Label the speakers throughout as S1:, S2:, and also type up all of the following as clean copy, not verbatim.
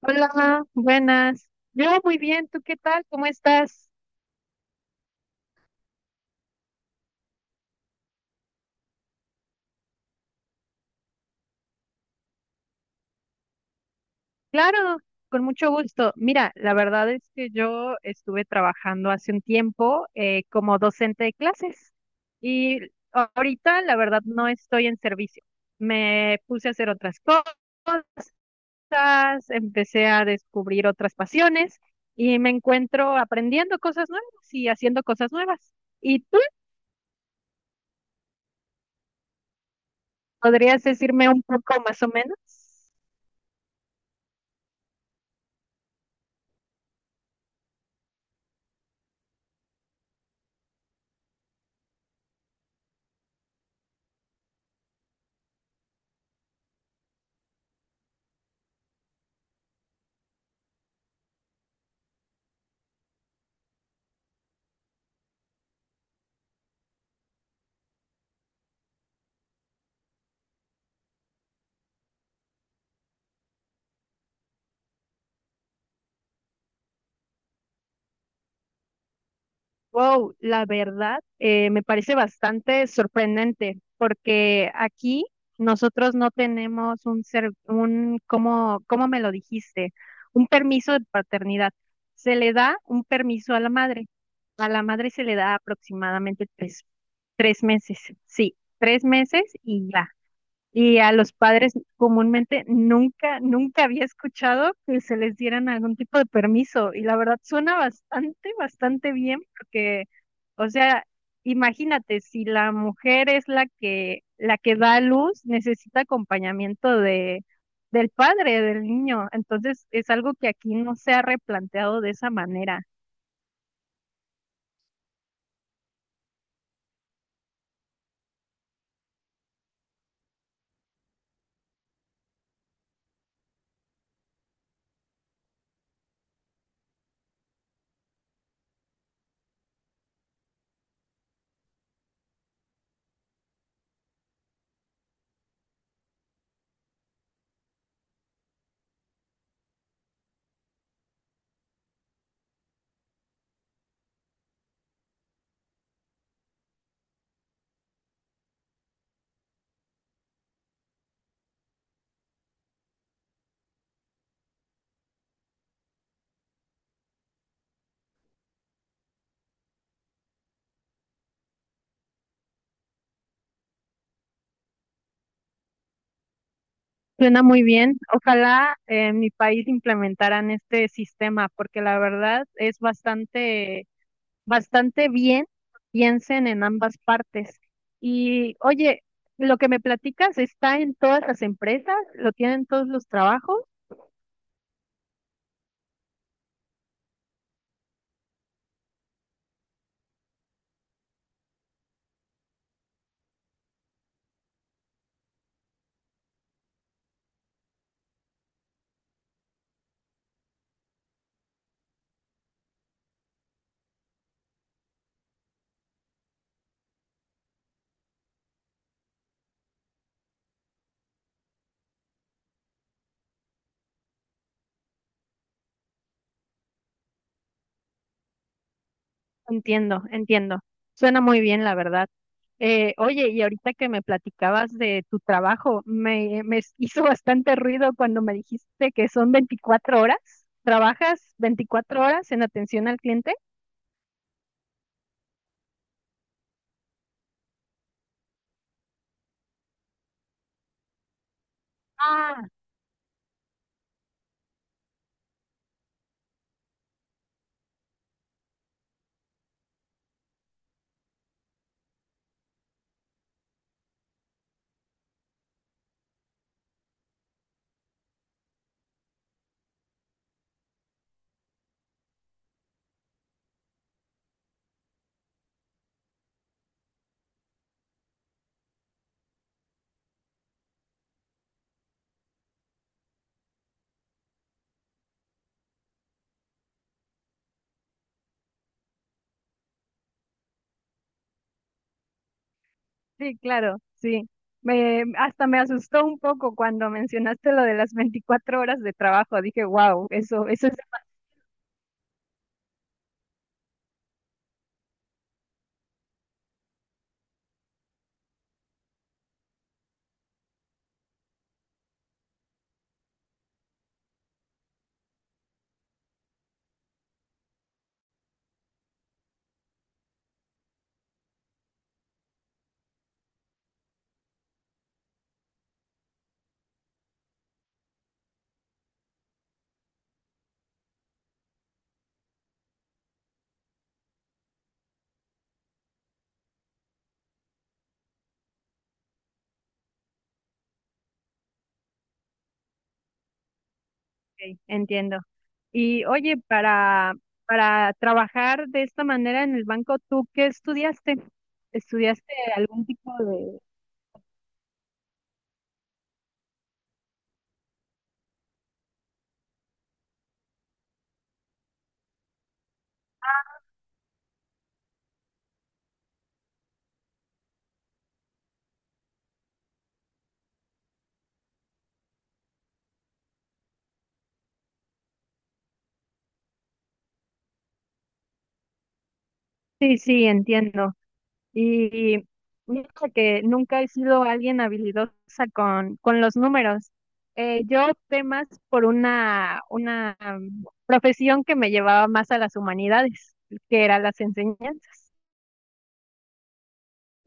S1: Hola, buenas. Yo muy bien, ¿tú qué tal? ¿Cómo estás? Claro, con mucho gusto. Mira, la verdad es que yo estuve trabajando hace un tiempo como docente de clases y ahorita la verdad no estoy en servicio. Me puse a hacer otras cosas, empecé a descubrir otras pasiones y me encuentro aprendiendo cosas nuevas y haciendo cosas nuevas. ¿Y tú podrías decirme un poco más o menos? Wow, la verdad, me parece bastante sorprendente porque aquí nosotros no tenemos ¿cómo me lo dijiste? Un permiso de paternidad. Se le da un permiso a la madre. A la madre se le da aproximadamente tres meses. Sí, 3 meses y ya. Y a los padres comúnmente nunca había escuchado que se les dieran algún tipo de permiso. Y la verdad suena bastante, bastante bien porque, o sea, imagínate, si la mujer es la que da a luz, necesita acompañamiento del padre, del niño. Entonces es algo que aquí no se ha replanteado de esa manera. Suena muy bien. Ojalá en mi país implementaran este sistema porque la verdad es bastante bastante bien, piensen en ambas partes. Y oye, lo que me platicas está en todas las empresas, lo tienen todos los trabajos. Entiendo, entiendo. Suena muy bien, la verdad. Oye, y ahorita que me platicabas de tu trabajo, me hizo bastante ruido cuando me dijiste que son 24 horas. ¿Trabajas 24 horas en atención al cliente? Ah, sí, claro, sí. Hasta me asustó un poco cuando mencionaste lo de las 24 horas de trabajo. Dije, wow, eso es. Ok, entiendo. Y oye, para trabajar de esta manera en el banco, ¿tú qué estudiaste? ¿Estudiaste algún tipo de...? Sí, sí, entiendo. Y mira que nunca he sido alguien habilidosa con los números. Yo opté más por una profesión que me llevaba más a las humanidades, que eran las enseñanzas.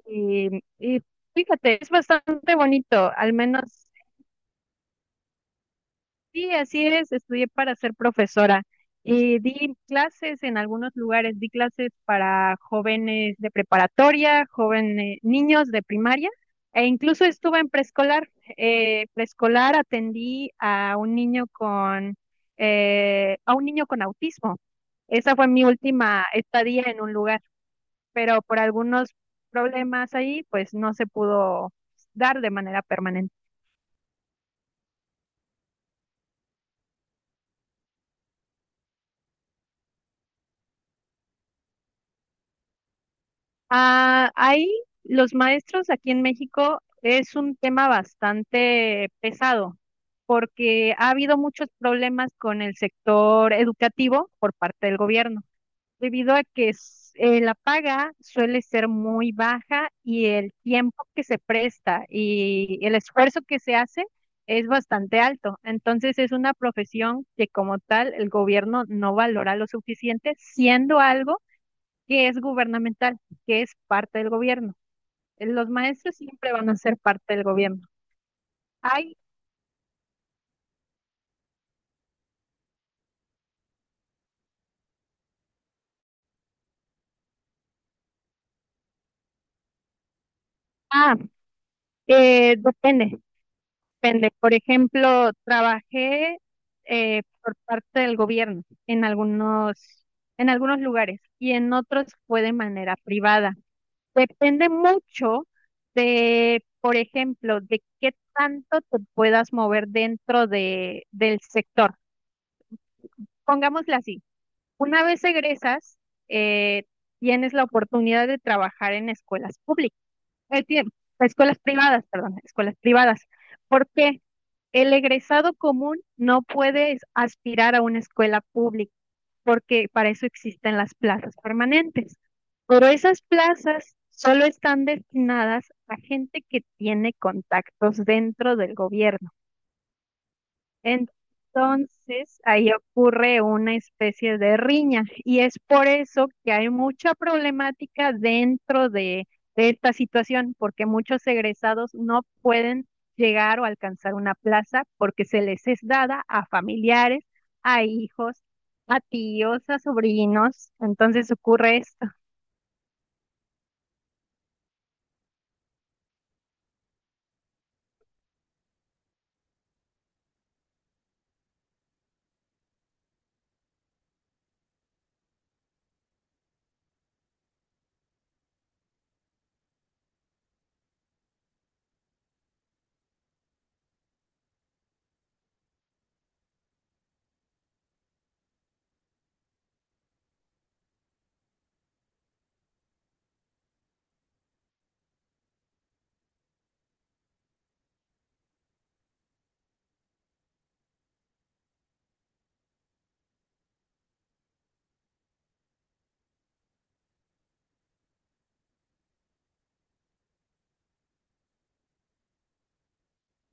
S1: Y fíjate, es bastante bonito, al menos. Sí, así es, estudié para ser profesora y di clases en algunos lugares, di clases para jóvenes de preparatoria, jóvenes, niños de primaria e incluso estuve en preescolar. Preescolar atendí a un niño con a un niño con autismo. Esa fue mi última estadía en un lugar, pero por algunos problemas ahí, pues no se pudo dar de manera permanente. Ah, ahí los maestros aquí en México es un tema bastante pesado porque ha habido muchos problemas con el sector educativo por parte del gobierno, debido a que la paga suele ser muy baja y el tiempo que se presta y el esfuerzo que se hace es bastante alto. Entonces es una profesión que como tal el gobierno no valora lo suficiente, siendo algo que es gubernamental, que es parte del gobierno. Los maestros siempre van a ser parte del gobierno. Hay, ah, depende, depende. Por ejemplo, trabajé por parte del gobierno en algunos lugares y en otros fue de manera privada. Depende mucho de, por ejemplo, de qué tanto te puedas mover dentro del sector. Pongámosla así. Una vez egresas, eh, tienes la oportunidad de trabajar en escuelas públicas, eh, tie- escuelas privadas, perdón, escuelas privadas, porque el egresado común no puede aspirar a una escuela pública, porque para eso existen las plazas permanentes. Pero esas plazas solo están destinadas a gente que tiene contactos dentro del gobierno. Entonces, ahí ocurre una especie de riña y es por eso que hay mucha problemática dentro de esta situación, porque muchos egresados no pueden llegar o alcanzar una plaza porque se les es dada a familiares, a hijos, a tíos, a sobrinos. Entonces ocurre esto.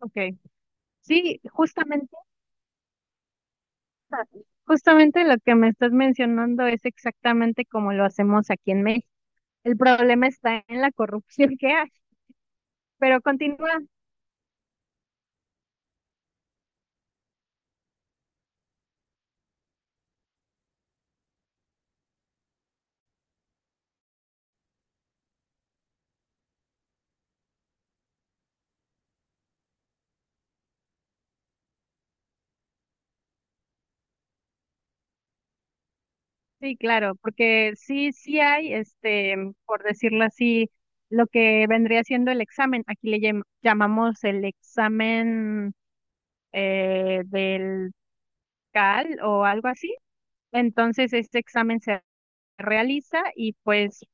S1: Okay. Sí, justamente lo que me estás mencionando es exactamente como lo hacemos aquí en México. El problema está en la corrupción que hay, pero continúa, sí, claro, porque sí hay, este, por decirlo así, lo que vendría siendo el examen. Aquí le llamamos el examen del CAL o algo así. Entonces, este examen se realiza y pues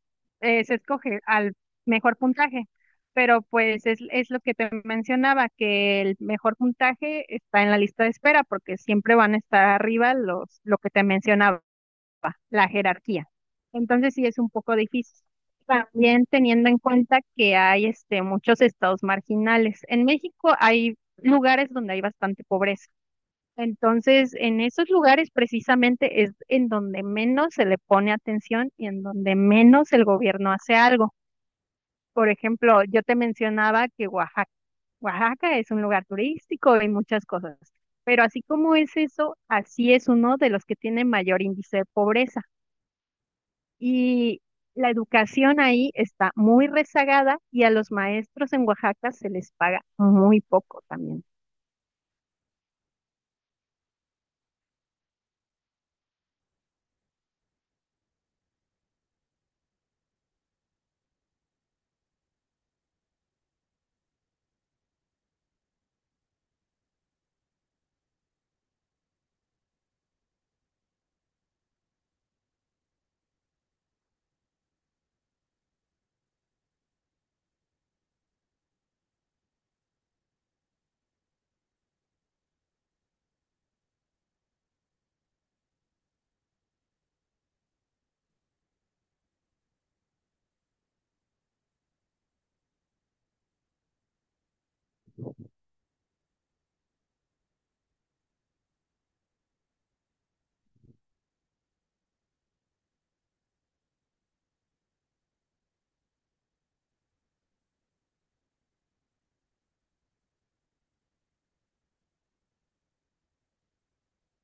S1: se escoge al mejor puntaje. Pero pues es lo que te mencionaba, que el mejor puntaje está en la lista de espera porque siempre van a estar arriba lo que te mencionaba, la jerarquía. Entonces sí es un poco difícil. También teniendo en cuenta que hay este, muchos estados marginales. En México hay lugares donde hay bastante pobreza. Entonces, en esos lugares precisamente es en donde menos se le pone atención y en donde menos el gobierno hace algo. Por ejemplo, yo te mencionaba que Oaxaca es un lugar turístico y muchas cosas, pero así como es eso, así es uno de los que tiene mayor índice de pobreza. Y la educación ahí está muy rezagada y a los maestros en Oaxaca se les paga muy poco también.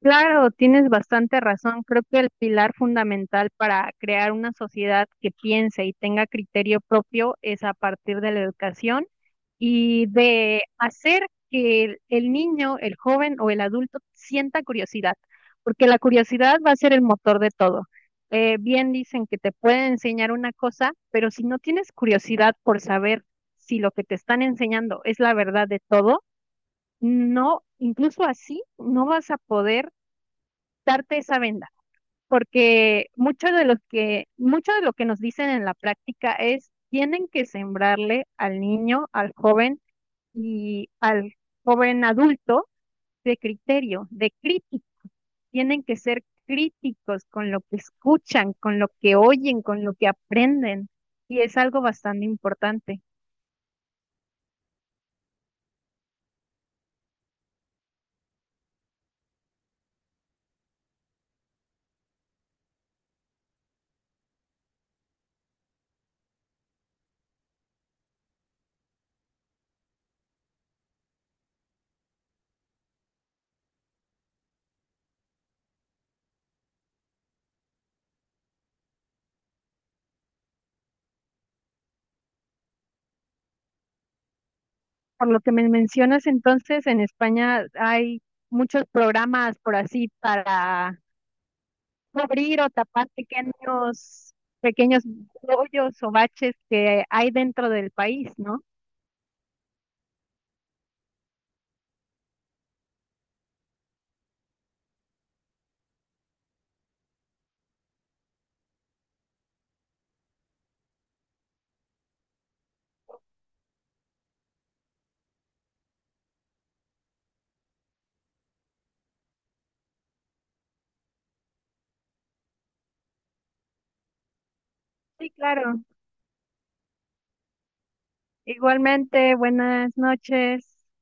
S1: Claro, tienes bastante razón. Creo que el pilar fundamental para crear una sociedad que piense y tenga criterio propio es a partir de la educación y de hacer que el niño, el joven o el adulto sienta curiosidad, porque la curiosidad va a ser el motor de todo. Bien dicen que te pueden enseñar una cosa, pero si no tienes curiosidad por saber si lo que te están enseñando es la verdad de todo, no, incluso así no vas a poder quitarte esa venda, porque mucho de lo que nos dicen en la práctica es tienen que sembrarle al niño, al joven y al joven adulto de criterio, de crítica. Tienen que ser críticos con lo que escuchan, con lo que oyen, con lo que aprenden. Y es algo bastante importante. Por lo que me mencionas entonces, en España hay muchos programas por así para abrir o tapar pequeños, pequeños hoyos o baches que hay dentro del país, ¿no? Sí, claro. Igualmente, buenas noches.